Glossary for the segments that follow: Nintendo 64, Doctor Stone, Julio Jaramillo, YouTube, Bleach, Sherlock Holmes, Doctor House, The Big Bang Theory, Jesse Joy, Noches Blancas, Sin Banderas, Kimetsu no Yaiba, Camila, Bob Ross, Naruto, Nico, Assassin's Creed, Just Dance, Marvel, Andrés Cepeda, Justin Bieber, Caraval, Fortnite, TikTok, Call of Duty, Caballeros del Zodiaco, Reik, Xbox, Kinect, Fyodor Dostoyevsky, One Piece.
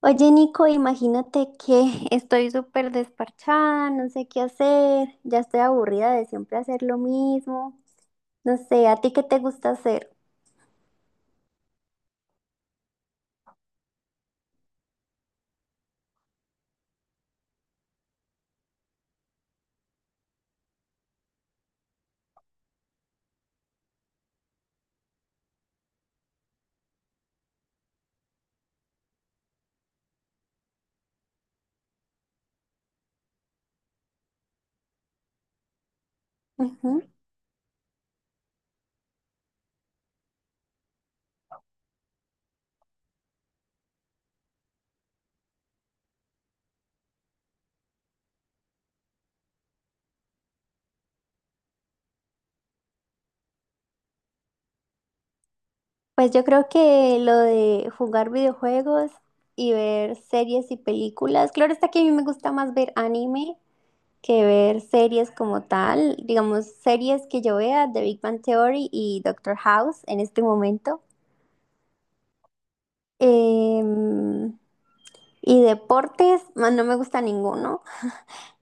Oye, Nico, imagínate que estoy súper desparchada, no sé qué hacer, ya estoy aburrida de siempre hacer lo mismo. No sé, ¿a ti qué te gusta hacer? Ujú. Pues yo creo que lo de jugar videojuegos y ver series y películas. Claro está que a mí me gusta más ver anime que ver series como tal. Digamos, series que yo vea, The Big Bang Theory y Doctor House en este momento. Em, y deportes, ma, no me gusta ninguno.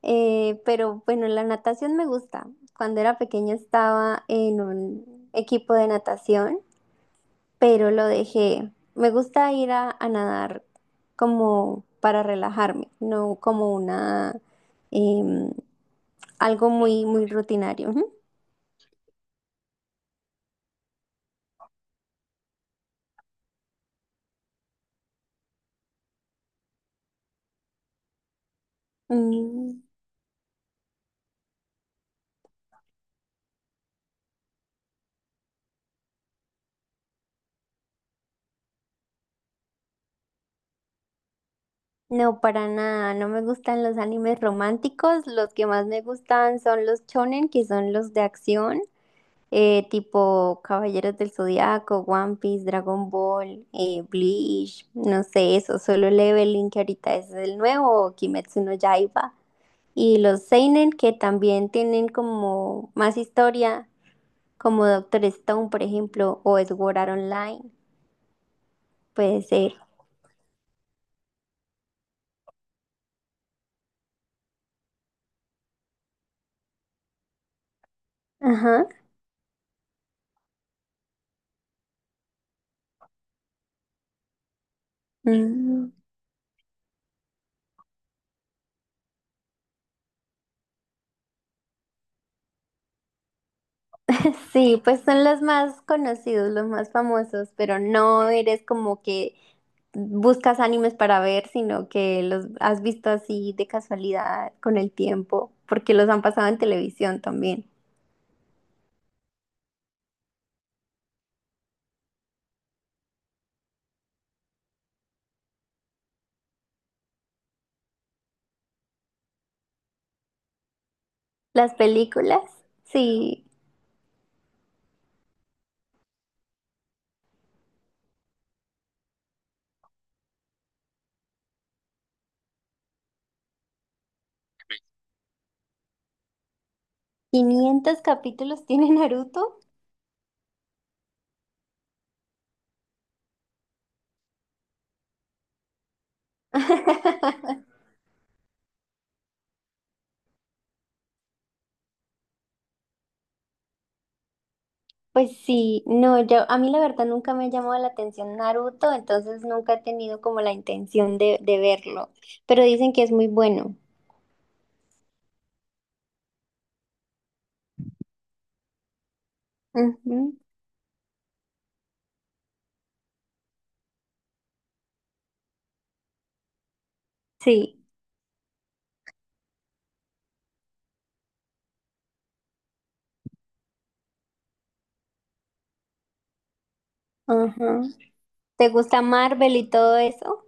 Pero bueno, la natación me gusta. Cuando era pequeña estaba en un equipo de natación, pero lo dejé. Me gusta ir a nadar como para relajarme, no como una em, algo muy muy rutinario. Ujú. Mm, no, para nada, no me gustan los animes románticos, los que más me gustan son los shonen, que son los de acción, tipo Caballeros del Zodiaco, One Piece, Dragon Ball, Bleach, no sé, eso, Solo Leveling, que ahorita es el nuevo, Kimetsu no Yaiba, y los Seinen, que también tienen como más historia, como Doctor Stone, por ejemplo, o Sword Art Online, puede ser. Ajá. Mm. Sí, pues son los más conocidos, los más famosos, pero no eres como que buscas animes para ver, sino que los has visto así de casualidad con el tiempo, porque los han pasado en televisión también. Las películas, sí. ¿500 capítulos tiene Naruto? Pues sí, no, yo a mí la verdad nunca me ha llamado la atención Naruto, entonces nunca he tenido como la intención de verlo, pero dicen que es muy bueno. Ujú. Sí. Ajá. ¿Te gusta Marvel y todo eso?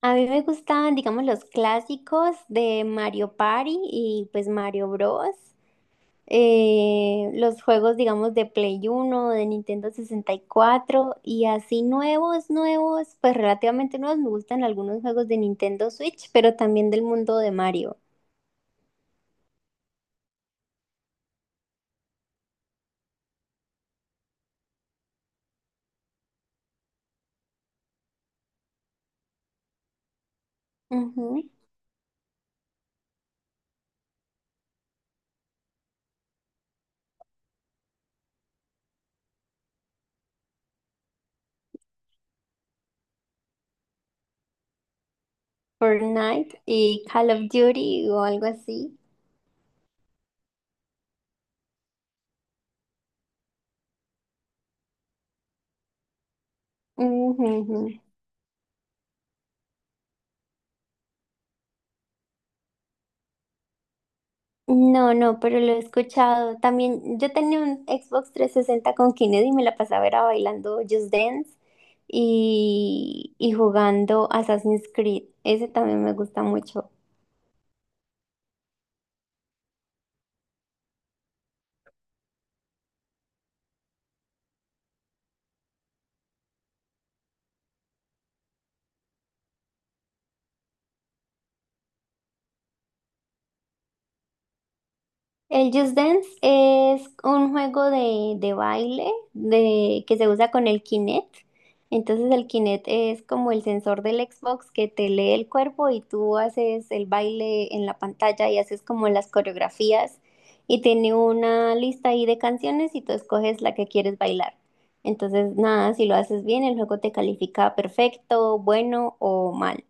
A mí me gustan, digamos, los clásicos de Mario Party y pues Mario Bros. Los juegos, digamos, de Play Uno de Nintendo 64 y cuatro y así nuevos, nuevos, pues relativamente nuevos. Me gustan algunos juegos de Nintendo Switch, pero también del mundo de Mario. Ujú. Fortnite y Call of Duty o algo así. Ujú, ujú. No, no, pero lo he escuchado. También yo tenía un Xbox 360 con Kinect y me la pasaba era bailando Just Dance y jugando Assassin's Creed. Ese también me gusta mucho. El Just Dance es un juego de baile de, que se usa con el Kinect. Entonces el Kinect es como el sensor del Xbox que te lee el cuerpo y tú haces el baile en la pantalla y haces como las coreografías y tiene una lista ahí de canciones y tú escoges la que quieres bailar. Entonces nada, si lo haces bien, el juego te califica perfecto, bueno o mal.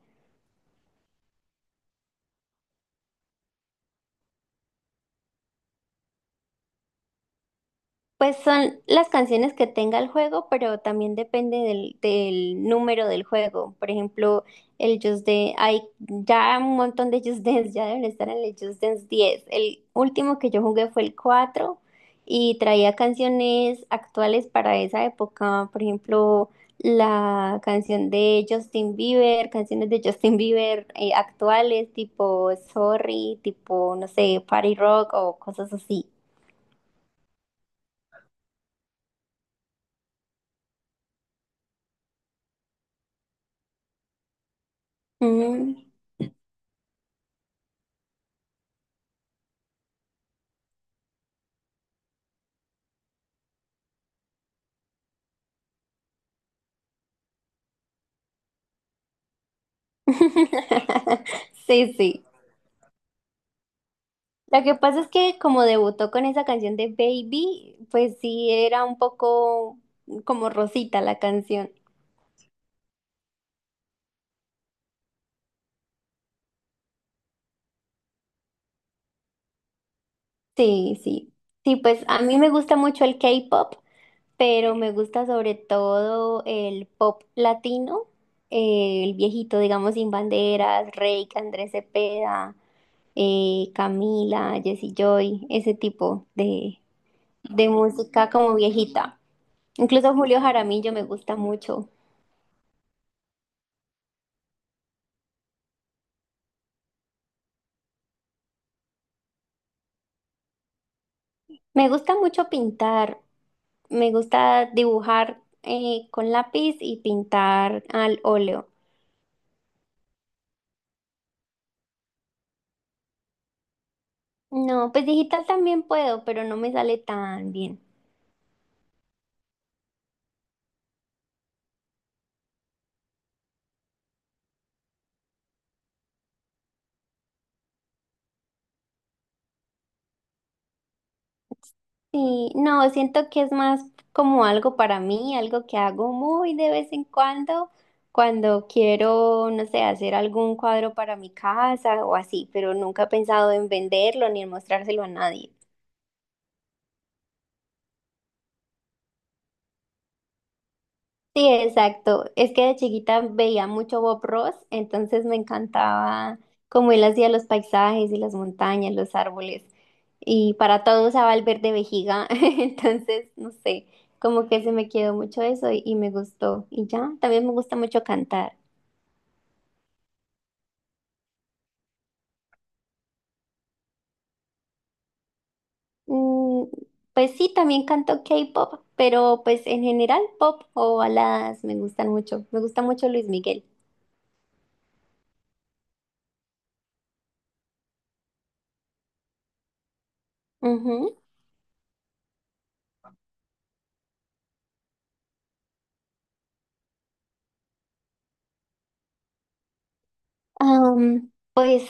Pues son las canciones que tenga el juego, pero también depende del número del juego. Por ejemplo, el Just Dance, hay ya un montón de Just Dance, ya deben estar en el Just Dance 10. El último que yo jugué fue el 4 y traía canciones actuales para esa época. Por ejemplo, la canción de Justin Bieber, canciones de Justin Bieber actuales, tipo Sorry, tipo, no sé, Party Rock o cosas así. Mm. Sí, sí. Lo que pasa es que como debutó con esa canción de Baby, pues sí era un poco como rosita la canción. Sí, sí. Sí, pues a mí me gusta mucho el K-pop, pero me gusta sobre todo el pop latino, el viejito, digamos, Sin Banderas, Reik, Andrés Cepeda, Camila, Jesse Joy, ese tipo de música como viejita. Incluso Julio Jaramillo me gusta mucho. Me gusta mucho pintar, me gusta dibujar con lápiz y pintar al óleo. No, pues digital también puedo, pero no me sale tan bien. Sí, no, siento que es más como algo para mí, algo que hago muy de vez en cuando, cuando quiero, no sé, hacer algún cuadro para mi casa o así, pero nunca he pensado en venderlo ni en mostrárselo a nadie. Sí, exacto. Es que de chiquita veía mucho Bob Ross, entonces me encantaba cómo él hacía los paisajes y las montañas, los árboles. Y para todo usaba el verde vejiga, entonces, no sé, como que se me quedó mucho eso y me gustó. Y ya, también me gusta mucho cantar. Mm, pues sí, también canto K-pop, pero pues en general pop o baladas me gustan mucho. Me gusta mucho Luis Miguel. Ujú. Pues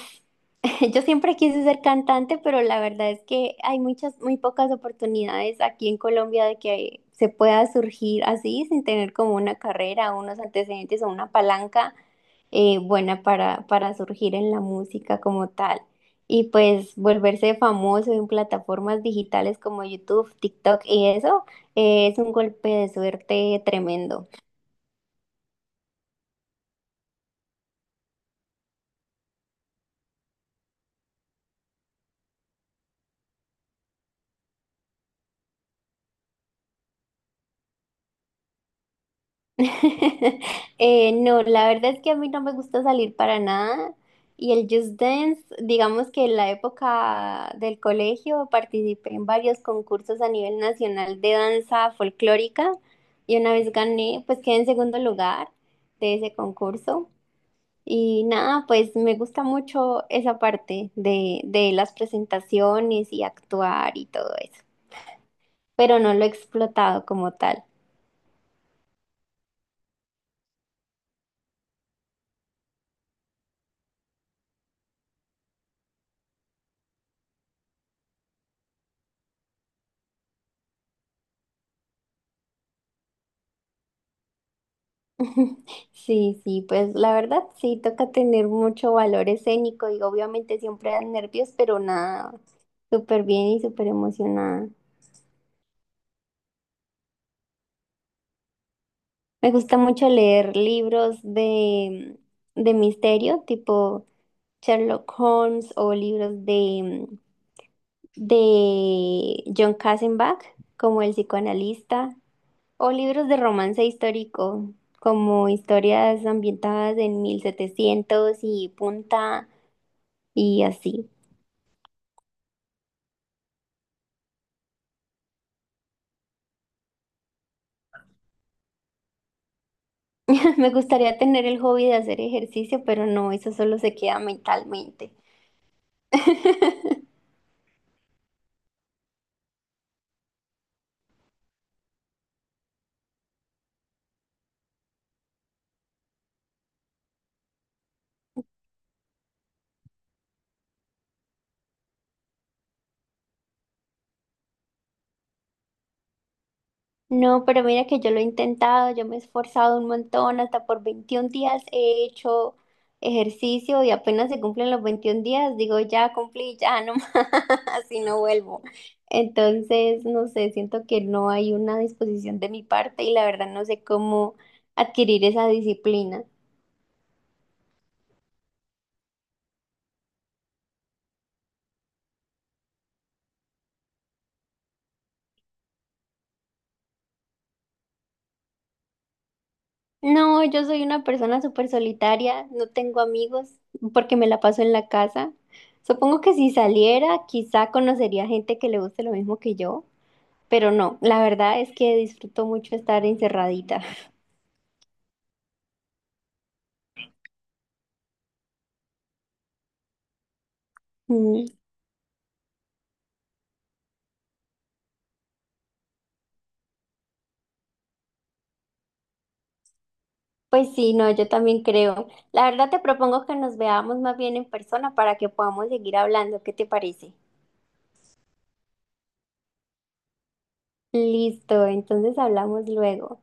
yo siempre quise ser cantante, pero la verdad es que hay muchas, muy pocas oportunidades aquí en Colombia de que se pueda surgir así sin tener como una carrera, unos antecedentes o una palanca buena para surgir en la música como tal. Y pues volverse famoso en plataformas digitales como YouTube, TikTok y eso es un golpe de suerte tremendo. No, la verdad es que a mí no me gusta salir para nada y el Just Dance, digamos que en la época del colegio participé en varios concursos a nivel nacional de danza folclórica y una vez gané, pues quedé en segundo lugar de ese concurso y nada, pues me gusta mucho esa parte de las presentaciones y actuar y todo eso, pero no lo he explotado como tal. Sí, sí, pues la verdad sí toca tener mucho valor escénico y obviamente siempre dan nervios, pero nada, súper bien y súper emocionada. Me gusta mucho leer libros de misterio, tipo Sherlock Holmes o libros de John Kassenbach, como El psicoanalista, o libros de romance histórico, como historias ambientadas en 1700 y punta y así. Me gustaría tener el hobby de hacer ejercicio, pero no, eso solo se queda mentalmente. No, pero mira que yo lo he intentado, yo me he esforzado un montón, hasta por 21 días he hecho ejercicio y apenas se cumplen los 21 días, digo, ya cumplí, ya no más, así no vuelvo. Entonces, no sé, siento que no hay una disposición de mi parte y la verdad no sé cómo adquirir esa disciplina. No, yo soy una persona súper solitaria, no tengo amigos porque me la paso en la casa. Supongo que si saliera, quizá conocería gente que le guste lo mismo que yo, pero no, la verdad es que disfruto mucho estar encerradita. Mm. Pues sí, no, yo también creo. La verdad te propongo que nos veamos más bien en persona para que podamos seguir hablando. ¿Qué te parece? Listo, entonces hablamos luego.